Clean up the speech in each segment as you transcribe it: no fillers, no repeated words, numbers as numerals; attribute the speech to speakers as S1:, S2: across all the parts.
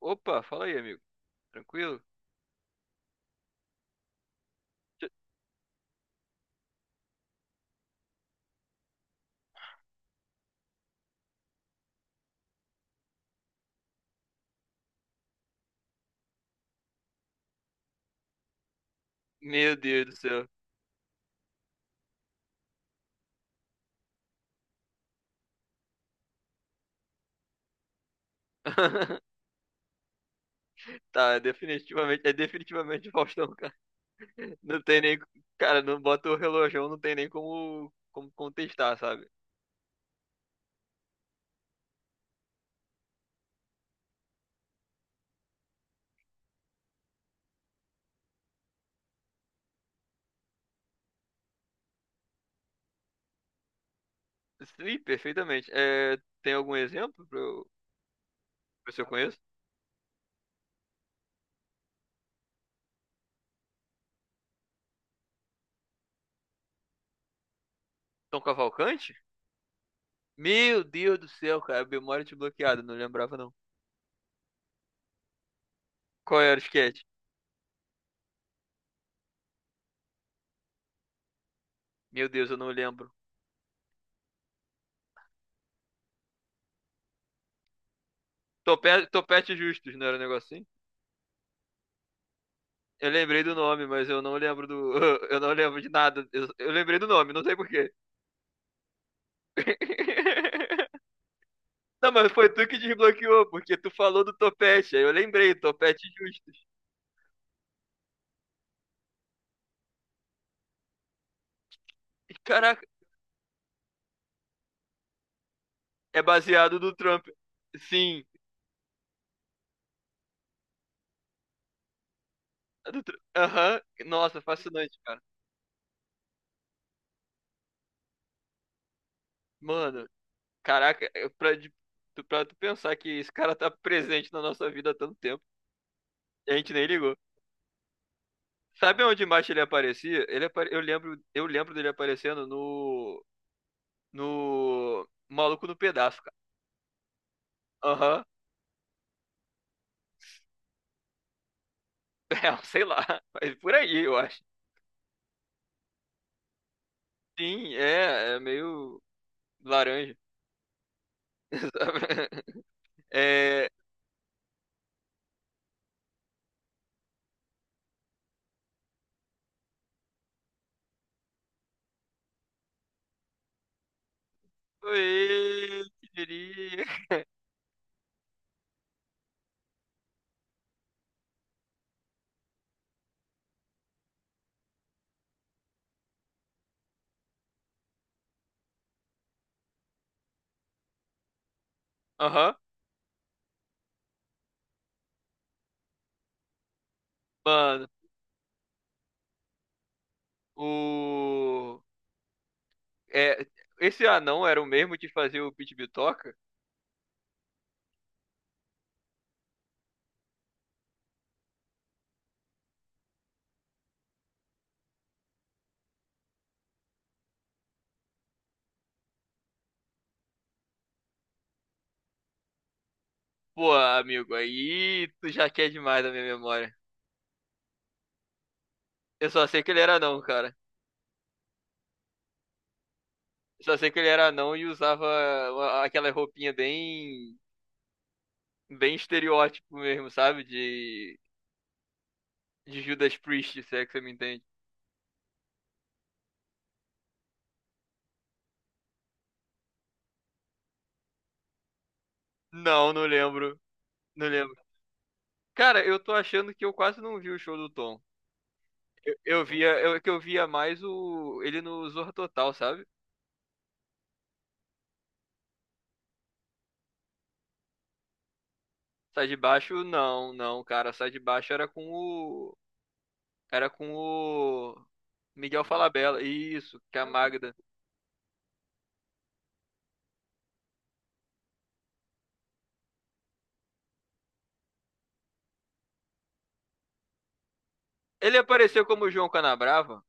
S1: Opa, fala aí, amigo. Tranquilo? Tch- Meu Deus do céu. Tá, é definitivamente Faustão, cara. Não tem nem, cara, não bota o relógio, não tem nem como, como contestar, sabe? Sim, perfeitamente. É, tem algum exemplo pra eu se eu conheço? Tom Cavalcante? Meu Deus do céu, cara, memória desbloqueada, não lembrava não. Qual era o sketch? Meu Deus, eu não lembro. Topete, Topete justos, não era um negocinho? Eu lembrei do nome, mas eu não lembro do. Eu não lembro de nada. Eu lembrei do nome, não sei porquê. Não, mas foi tu que desbloqueou, porque tu falou do topete. Aí eu lembrei, topete justos. E, caraca, é baseado no Trump. Sim. Aham. Nossa, fascinante, cara. Mano, caraca, pra tu pensar que esse cara tá presente na nossa vida há tanto tempo. E a gente nem ligou. Sabe onde mais ele aparecia? Eu lembro dele aparecendo no Maluco no Pedaço, cara. Aham. É, sei lá. Mas por aí, eu acho. Sim, é, é meio laranja. sabe? É. Oi, que diria. Aham. Mano, o. É, esse anão era o mesmo de fazer o Pit Bitoca? Pô, amigo, aí tu já quer demais da minha memória. Eu só sei que ele era anão, cara. Eu só sei que ele era anão e usava aquela roupinha bem estereótipo mesmo, sabe? De Judas Priest, se é que você me entende. Não, não lembro. Não lembro. Cara, eu tô achando que eu quase não vi o show do Tom. Eu via mais o ele no Zorra Total, sabe? Sai de baixo, não, não, cara. Sai de baixo era com o. Era com o. Miguel Falabella. Isso, que é a Magda. Ele apareceu como João Canabrava?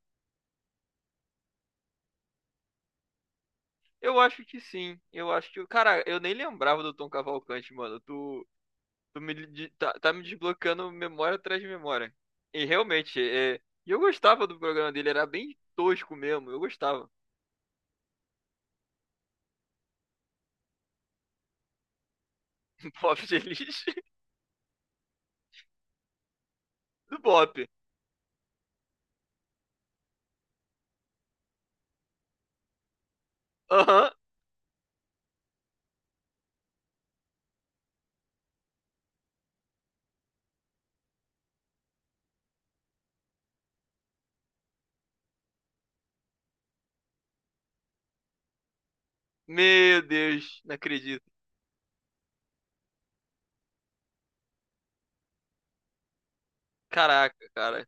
S1: Eu acho que sim. Eu acho que. Cara, eu nem lembrava do Tom Cavalcante, mano. Tá, tá me desbloqueando memória atrás de memória. E realmente, é, e eu gostava do programa dele, era bem tosco mesmo, eu gostava. pop Feliz do Bop. Aham. Meu Deus, não acredito. Caraca, cara.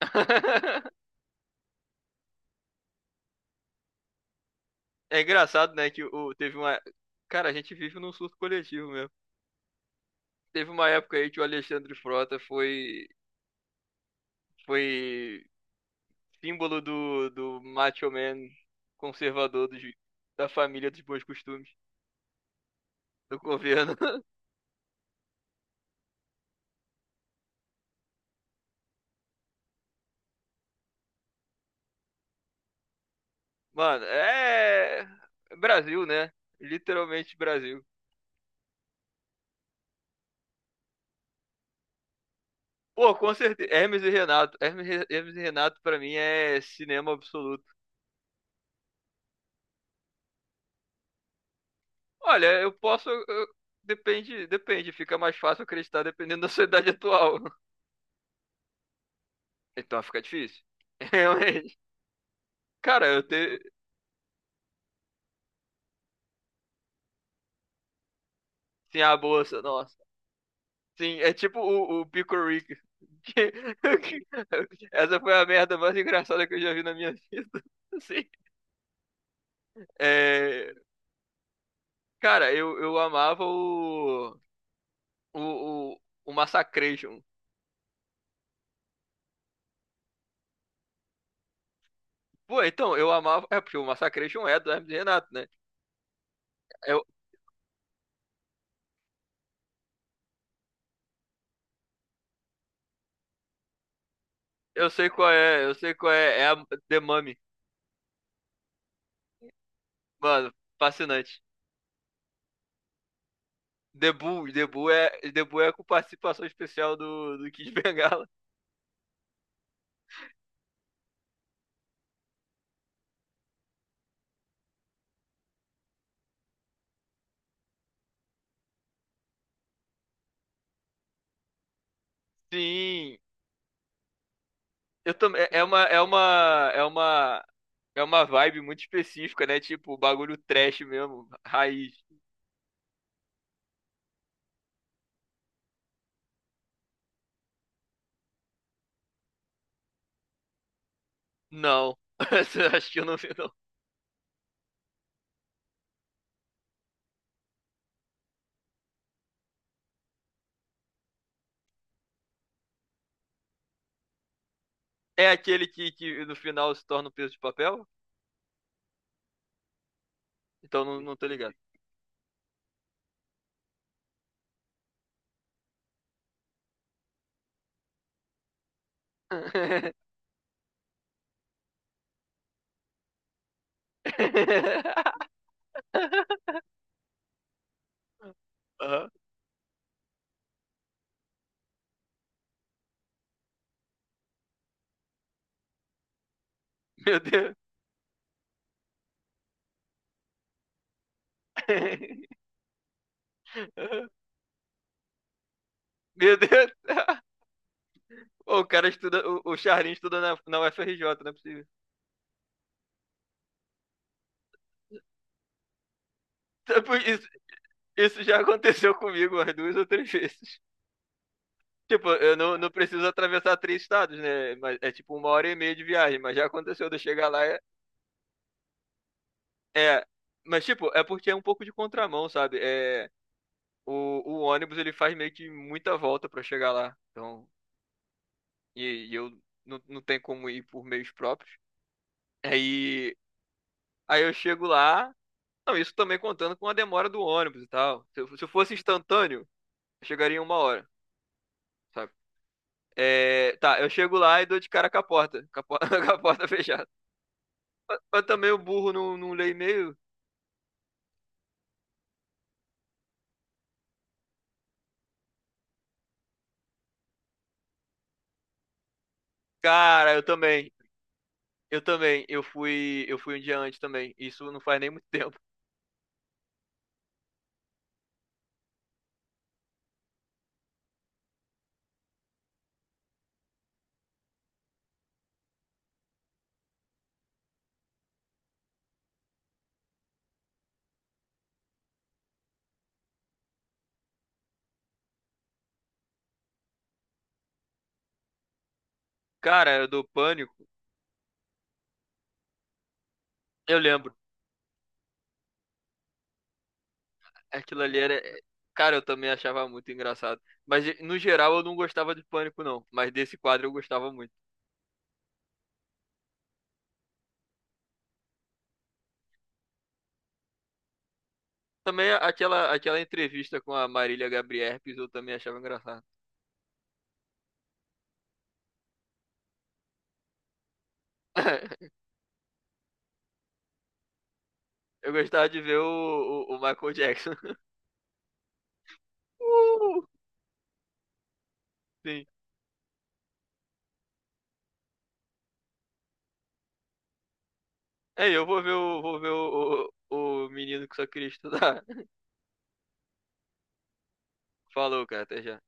S1: É engraçado, né, que o, teve uma... Cara, a gente vive num surto coletivo mesmo. Teve uma época aí que o Alexandre Frota foi símbolo do macho man conservador dos, da família dos bons costumes do governo. Mano, é. Brasil, né? Literalmente Brasil. Pô, com certeza. Hermes e Renato, pra mim, é cinema absoluto. Olha, eu posso. Eu- Depende, depende. Fica mais fácil acreditar dependendo da sua idade atual. Então fica difícil. Realmente. Cara, eu tenho. Sim, a bolsa, nossa. Sim, é tipo o Pico Rick. Que- Essa foi a merda mais engraçada que eu já vi na minha vida. Assim, Cara, eu amava o, o, o Massacration. Pô, então, eu amava. É, porque o Massacration é do Hermes e Renato, né? Eu, eu sei qual é, eu sei qual é. É a The Mummy. Mano, fascinante. The Bull é com participação especial do Kid Bengala. Sim, eu também. É uma vibe muito específica, né? Tipo, bagulho trash mesmo, raiz. Não, acho que eu não vi, É aquele que no final se torna um peso de papel? Então não, não tô ligado. Aham. Meu Deus. Meu Deus. O cara estuda, o Charlinho estuda na UFRJ, não é possível. Tipo, Isso, isso já aconteceu comigo umas duas ou três vezes. Tipo, eu não, não preciso atravessar três estados, né? Mas é tipo uma hora e meia de viagem, mas já aconteceu de eu chegar lá. É. Mas tipo, é porque é um pouco de contramão, sabe? É, o ônibus ele faz meio que muita volta pra chegar lá. Então, e eu não tenho como ir por meios próprios. Aí, aí eu chego lá. Não, isso também contando com a demora do ônibus e tal. Se eu fosse instantâneo, eu chegaria em uma hora, sabe? É, tá, eu chego lá e dou de cara com a porta fechada. Mas também o burro não lê e-mail. Cara, eu também. Eu também. Eu fui um dia antes também. Isso não faz nem muito tempo. Cara, eu dou pânico. Eu lembro. Aquilo ali era. É, Cara, eu também achava muito engraçado. Mas no geral eu não gostava de Pânico, não. Mas desse quadro eu gostava muito. Também aquela entrevista com a Marília Gabrielpes eu também achava engraçado. Eu gostava de ver o Michael Jackson. Uh, sim. É, eu vou ver o, vou ver o menino que só queria estudar. Falou, cara, até já.